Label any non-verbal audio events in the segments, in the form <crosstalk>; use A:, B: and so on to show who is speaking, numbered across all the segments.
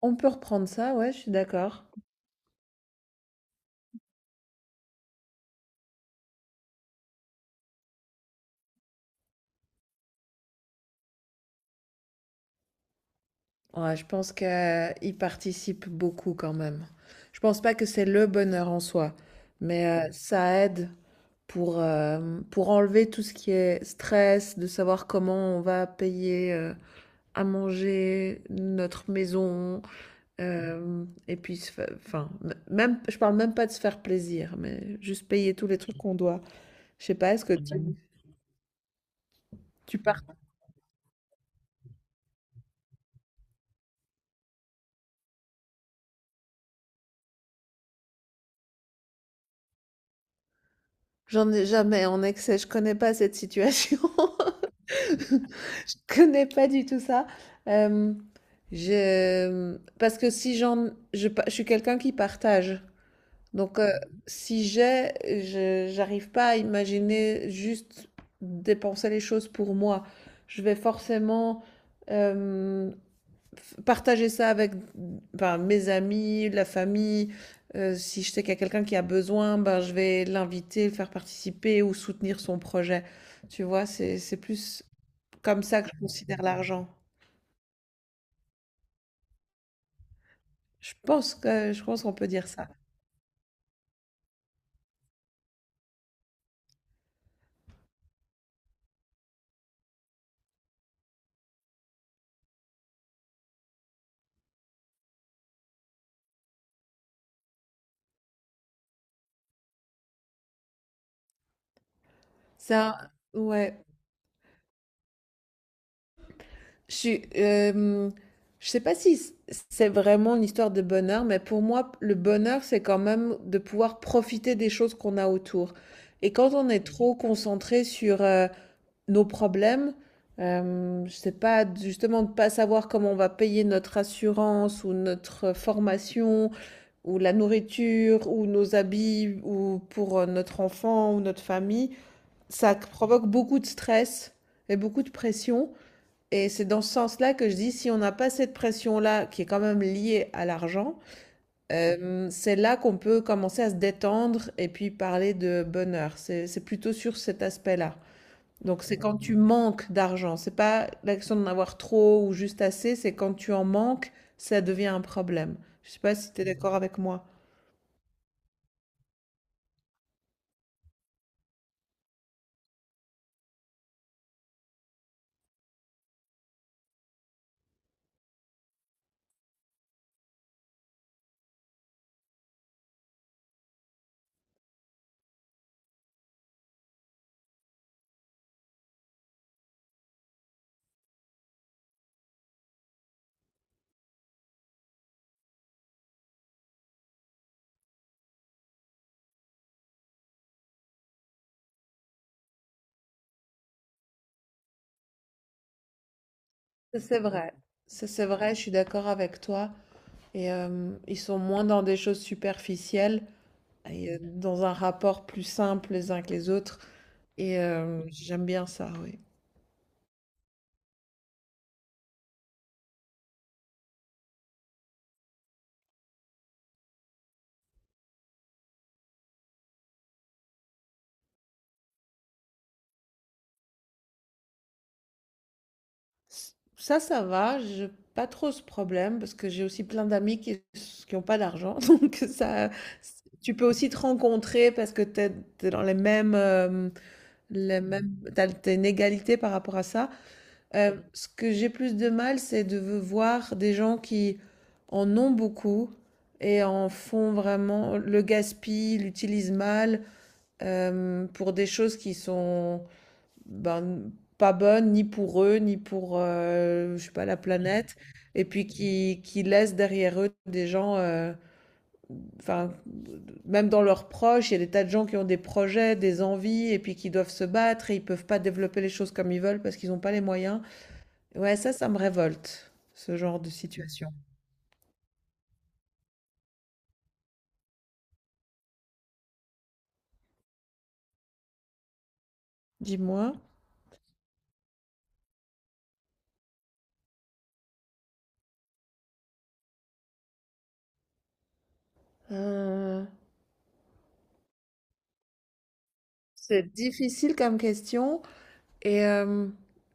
A: On peut reprendre ça, ouais, je suis d'accord. Ouais, je pense qu'il participe beaucoup quand même. Je pense pas que c'est le bonheur en soi, mais ça aide pour enlever tout ce qui est stress, de savoir comment on va payer à manger, notre maison, et puis, enfin, même, je parle même pas de se faire plaisir, mais juste payer tous les trucs qu'on doit. Je sais pas, tu pars? J'en ai jamais en excès, je connais pas cette situation. <laughs> <laughs> Je connais pas du tout ça. Euh, je... Parce que si j'en... je suis quelqu'un qui partage. Donc, Mhm. Si j'ai, j'arrive pas à imaginer juste dépenser les choses pour moi. Je vais forcément euh, partager ça avec ben, mes amis, la famille. Si je sais qu'il y a quelqu'un qui a besoin, ben, je vais l'inviter, le faire participer ou soutenir son projet. Tu vois, c'est plus comme ça que je considère l'argent. Je pense qu'on peut dire ça. Ça, ouais. Je suis, je sais pas si c c'est vraiment une histoire de bonheur, mais pour moi, le bonheur, c'est quand même de pouvoir profiter des choses qu'on a autour. Et quand on est trop concentré sur, nos problèmes, je sais pas, justement de pas savoir comment on va payer notre assurance ou notre formation ou la nourriture, ou nos habits, ou pour notre enfant, ou notre famille, ça provoque beaucoup de stress et beaucoup de pression. Et c'est dans ce sens-là que je dis, si on n'a pas cette pression-là, qui est quand même liée à l'argent, c'est là qu'on peut commencer à se détendre et puis parler de bonheur. C'est plutôt sur cet aspect-là. Donc c'est quand tu manques d'argent. C'est pas la question d'en avoir trop ou juste assez, c'est quand tu en manques, ça devient un problème. Je sais pas si tu es d'accord avec moi. Ça, c'est vrai. Ça, c'est vrai, je suis d'accord avec toi. Et ils sont moins dans des choses superficielles et dans un rapport plus simple les uns que les autres. Et j'aime bien ça, oui. Ça, ça va, j'ai pas trop ce problème parce que j'ai aussi plein d'amis qui ont pas d'argent. <laughs> Donc ça, tu peux aussi te rencontrer parce que t'es es dans les mêmes, t'as une égalité par rapport à ça. Ce que j'ai plus de mal, c'est de voir des gens qui en ont beaucoup et en font vraiment le gaspillent, l'utilisent mal pour des choses qui sont ben, pas bonnes ni pour eux, ni pour je sais pas, la planète, et puis qui laissent derrière eux des gens, enfin, même dans leurs proches, il y a des tas de gens qui ont des projets, des envies, et puis qui doivent se battre et ils peuvent pas développer les choses comme ils veulent parce qu'ils n'ont pas les moyens. Ouais, ça me révolte, ce genre de situation. Dis-moi. Euh, c'est difficile comme question et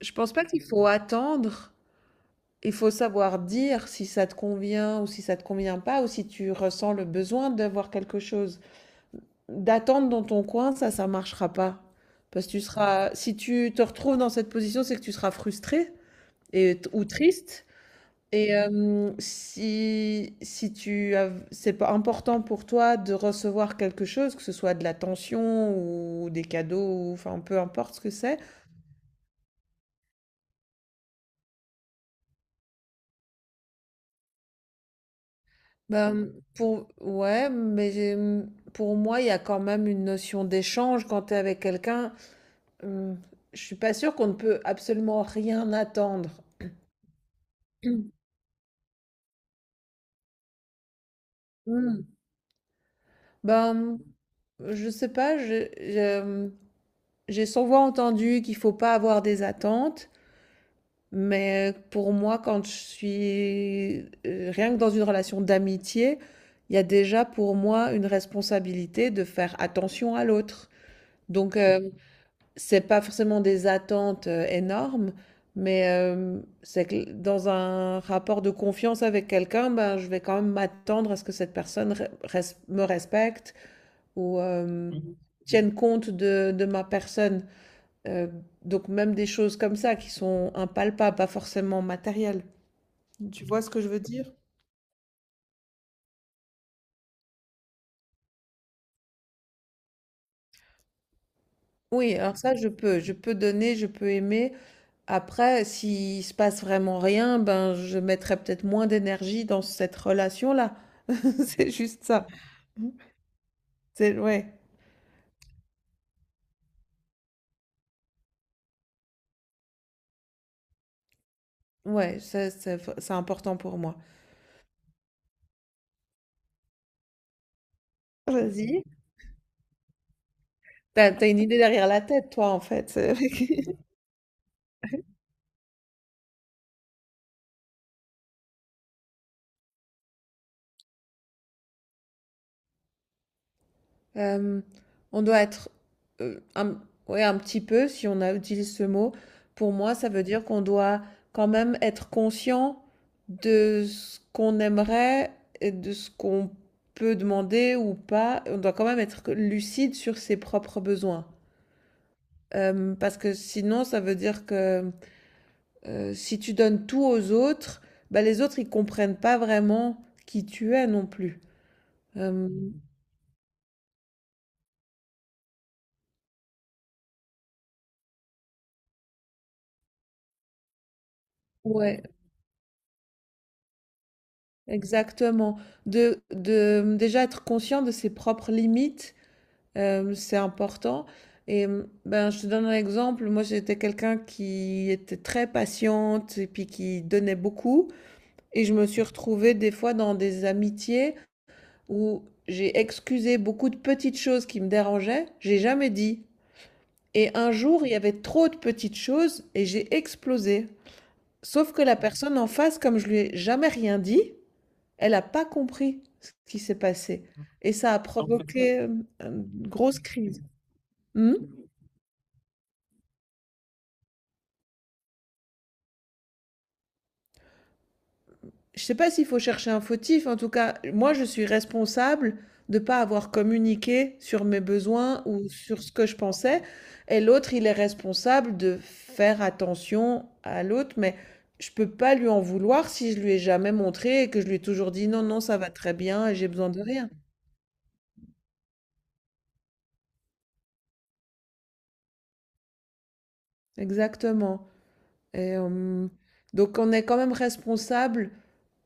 A: je pense pas qu'il faut attendre. Il faut savoir dire si ça te convient ou si ça te convient pas ou si tu ressens le besoin d'avoir quelque chose. D'attendre dans ton coin, ça marchera pas. Parce que tu seras, si tu te retrouves dans cette position, c'est que tu seras frustré et, ou triste. Et si, si tu as, c'est pas important pour toi de recevoir quelque chose, que ce soit de l'attention ou des cadeaux, ou, enfin peu importe ce que c'est, ben, pour, ouais, pour moi, il y a quand même une notion d'échange quand tu es avec quelqu'un. Hum, je suis pas sûre qu'on ne peut absolument rien attendre. <clears throat> Hum. Hum. Ben, je sais pas, j'ai souvent entendu qu'il faut pas avoir des attentes. Mais pour moi, quand je suis rien que dans une relation d'amitié, il y a déjà pour moi une responsabilité de faire attention à l'autre. Donc, c'est pas forcément des attentes énormes, mais c'est que dans un rapport de confiance avec quelqu'un, ben, je vais quand même m'attendre à ce que cette personne me respecte ou Mhm. Tienne compte de ma personne. Euh, donc, même des choses comme ça qui sont impalpables, pas forcément matérielles. Tu vois ce que je veux dire? Oui, alors ça, je peux donner, je peux aimer. Après, s'il se passe vraiment rien, ben, je mettrai peut-être moins d'énergie dans cette relation-là. <laughs> C'est juste ça. C'est, ouais, ouais, c'est important pour moi. Vas-y. T'as une idée derrière la tête, toi, en fait. <laughs> Euh, on doit être euh, un, ouais, un petit peu, si on a, utilise ce mot, pour moi, ça veut dire qu'on doit quand même être conscient de ce qu'on aimerait et de ce qu'on peut demander ou pas. On doit quand même être lucide sur ses propres besoins. Parce que sinon, ça veut dire que si tu donnes tout aux autres, bah, les autres, ils comprennent pas vraiment qui tu es non plus. Euh, ouais, exactement. De déjà être conscient de ses propres limites, c'est important. Et ben, je te donne un exemple. Moi, j'étais quelqu'un qui était très patiente et puis qui donnait beaucoup. Et je me suis retrouvée des fois dans des amitiés où j'ai excusé beaucoup de petites choses qui me dérangeaient. J'ai jamais dit. Et un jour, il y avait trop de petites choses et j'ai explosé. Sauf que la personne en face, comme je lui ai jamais rien dit, elle a pas compris ce qui s'est passé et ça a provoqué, une grosse crise. Mmh? Je ne sais pas s'il faut chercher un fautif, en tout cas, moi je suis responsable de ne pas avoir communiqué sur mes besoins ou sur ce que je pensais et l'autre, il est responsable de faire attention à l'autre, mais je ne peux pas lui en vouloir si je lui ai jamais montré et que je lui ai toujours dit: «Non, non, ça va très bien et j'ai besoin de rien». Exactement et donc on est quand même responsable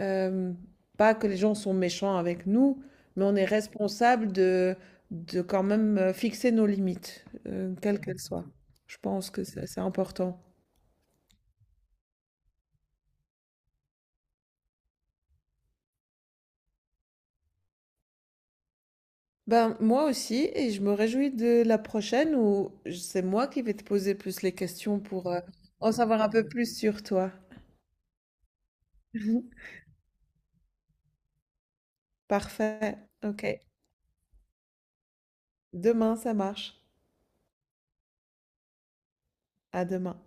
A: euh, pas que les gens sont méchants avec nous, mais on est responsable de quand même fixer nos limites, quelles qu'elles soient. Je pense que c'est important. Ben, moi aussi, et je me réjouis de la prochaine où c'est moi qui vais te poser plus les questions pour en savoir un peu plus sur toi. <laughs> Parfait. Ok. Demain, ça marche. À demain.